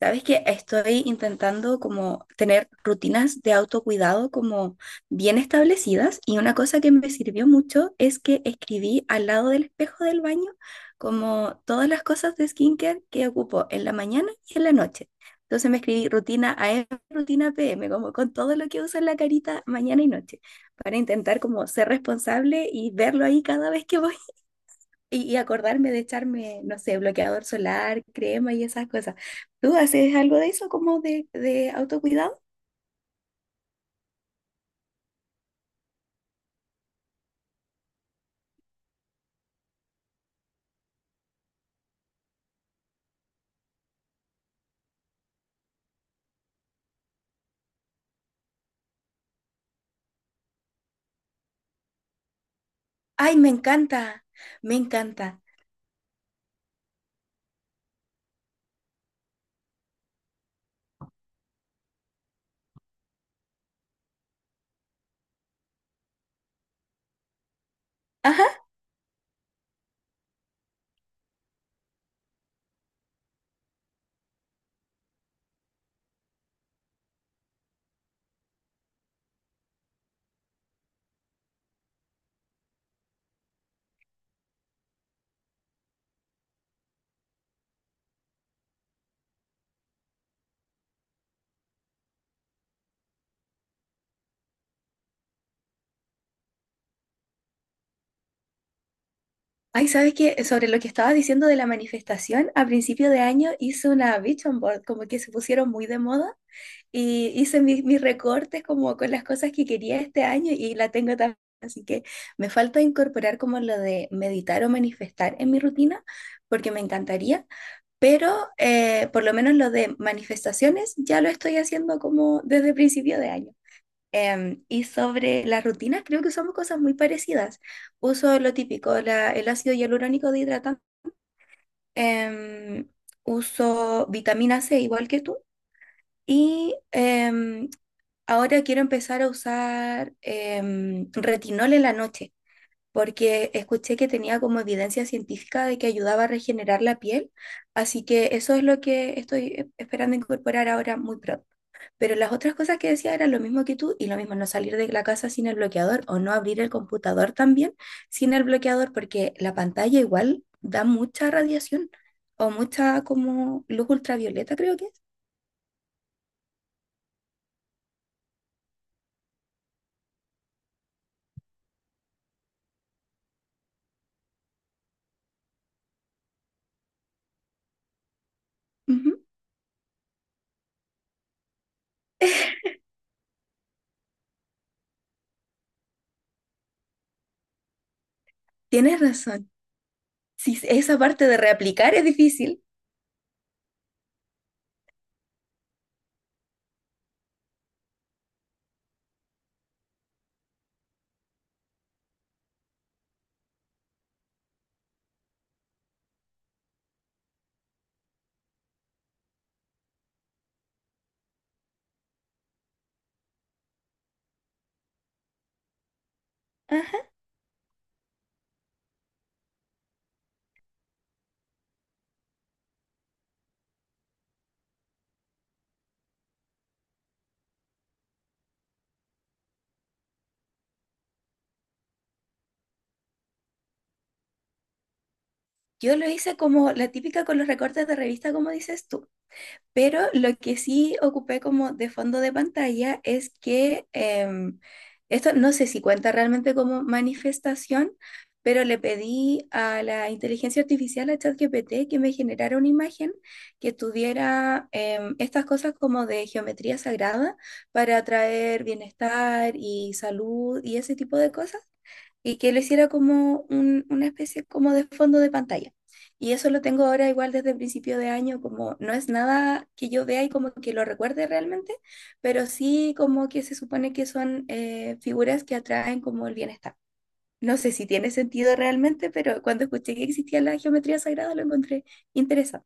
Sabes que estoy intentando como tener rutinas de autocuidado como bien establecidas y una cosa que me sirvió mucho es que escribí al lado del espejo del baño como todas las cosas de skincare que ocupo en la mañana y en la noche. Entonces me escribí rutina AM, rutina PM, como con todo lo que uso en la carita mañana y noche, para intentar como ser responsable y verlo ahí cada vez que voy. Y acordarme de echarme, no sé, bloqueador solar, crema y esas cosas. ¿Tú haces algo de eso como de, autocuidado? Ay, me encanta, me encanta. Ajá. Ay, ¿sabes qué? Sobre lo que estabas diciendo de la manifestación, a principio de año hice una vision board, como que se pusieron muy de moda, y hice mis recortes como con las cosas que quería este año y la tengo también. Así que me falta incorporar como lo de meditar o manifestar en mi rutina, porque me encantaría. Pero por lo menos lo de manifestaciones ya lo estoy haciendo como desde principio de año. Y sobre las rutinas, creo que usamos cosas muy parecidas. Uso lo típico, el ácido hialurónico de hidratante. Em, Uso vitamina C, igual que tú. Y ahora quiero empezar a usar retinol en la noche porque escuché que tenía como evidencia científica de que ayudaba a regenerar la piel, así que eso es lo que estoy esperando incorporar ahora muy pronto. Pero las otras cosas que decía eran lo mismo que tú y lo mismo, no salir de la casa sin el bloqueador o no abrir el computador también sin el bloqueador, porque la pantalla igual da mucha radiación o mucha como luz ultravioleta, creo que es. Ujú. Tienes razón. Sí, esa parte de reaplicar es difícil. Ah. Yo lo hice como la típica con los recortes de revista, como dices tú, pero lo que sí ocupé como de fondo de pantalla es que esto no sé si cuenta realmente como manifestación, pero le pedí a la inteligencia artificial, a ChatGPT, que me generara una imagen que tuviera estas cosas como de geometría sagrada para atraer bienestar y salud y ese tipo de cosas y que lo hiciera como una especie como de fondo de pantalla. Y eso lo tengo ahora igual desde el principio de año, como no es nada que yo vea y como que lo recuerde realmente, pero sí como que se supone que son figuras que atraen como el bienestar. No sé si tiene sentido realmente, pero cuando escuché que existía la geometría sagrada lo encontré interesante.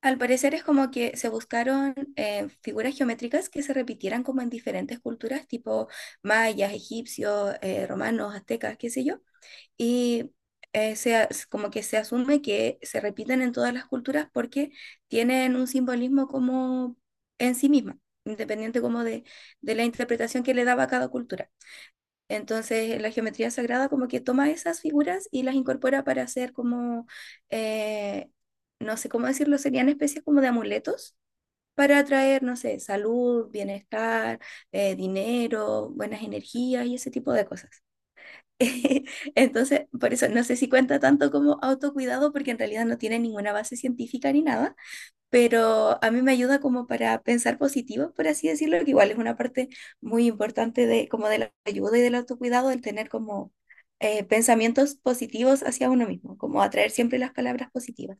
Al parecer es como que se buscaron figuras geométricas que se repitieran como en diferentes culturas, tipo mayas, egipcios, romanos, aztecas, qué sé yo, y como que se asume que se repiten en todas las culturas porque tienen un simbolismo como en sí misma, independiente como de, la interpretación que le daba cada cultura. Entonces, la geometría sagrada como que toma esas figuras y las incorpora para hacer como, eh, no sé cómo decirlo, serían especies como de amuletos para atraer, no sé, salud, bienestar, dinero, buenas energías y ese tipo de cosas. Entonces, por eso no sé si cuenta tanto como autocuidado, porque en realidad no tiene ninguna base científica ni nada, pero a mí me ayuda como para pensar positivo, por así decirlo, que igual es una parte muy importante de como de la ayuda y del autocuidado, el tener como pensamientos positivos hacia uno mismo, como atraer siempre las palabras positivas.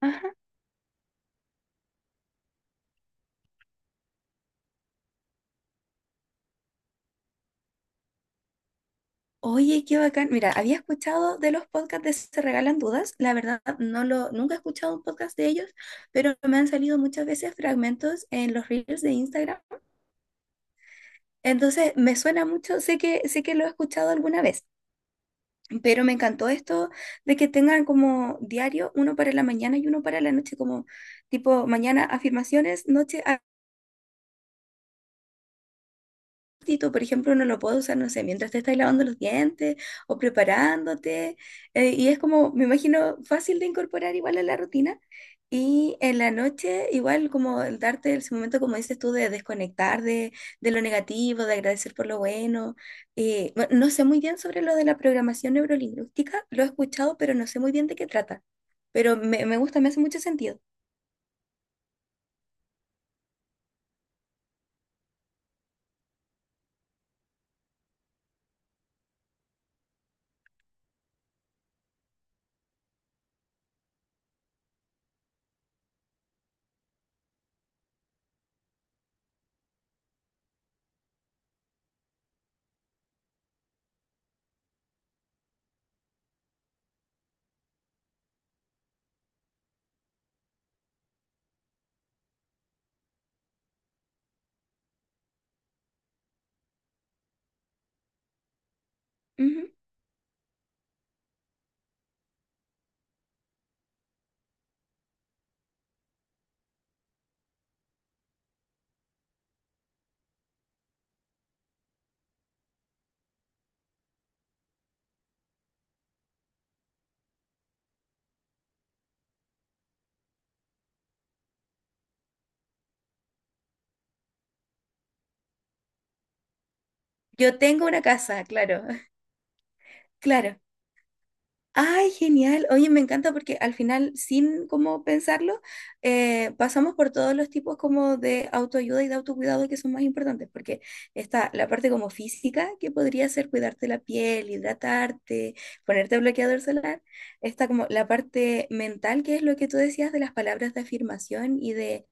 Ah. Oye, qué bacán. Mira, había escuchado de los podcasts de Se Regalan Dudas. La verdad, nunca he escuchado un podcast de ellos, pero me han salido muchas veces fragmentos en los reels de Instagram. Entonces, me suena mucho, sé que, lo he escuchado alguna vez, pero me encantó esto de que tengan como diario uno para la mañana y uno para la noche, como tipo mañana afirmaciones, noche Tito, por ejemplo, uno lo puede usar, no sé, mientras te estás lavando los dientes o preparándote. Y es como, me imagino, fácil de incorporar igual a la rutina. Y en la noche, igual como el darte ese momento, como dices tú, de desconectar de, lo negativo, de agradecer por lo bueno. Bueno, no sé muy bien sobre lo de la programación neurolingüística, lo he escuchado, pero no sé muy bien de qué trata. Pero me gusta, me hace mucho sentido. Ujú. Yo tengo una casa, claro, claro. Ay, genial. Oye, me encanta porque al final, sin como pensarlo, pasamos por todos los tipos como de autoayuda y de autocuidado que son más importantes, porque está la parte como física, que podría ser cuidarte la piel, hidratarte, ponerte bloqueador solar. Está como la parte mental, que es lo que tú decías de las palabras de afirmación y de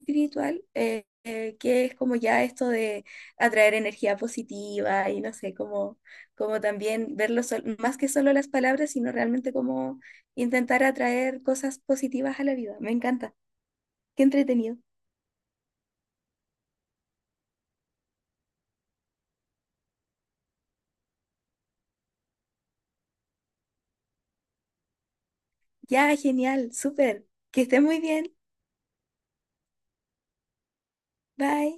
espiritual, que es como ya esto de atraer energía positiva y no sé, como, como también más que solo las palabras, sino realmente como intentar atraer cosas positivas a la vida. Me encanta. Qué entretenido. Ya, genial, súper. Que esté muy bien. Bye.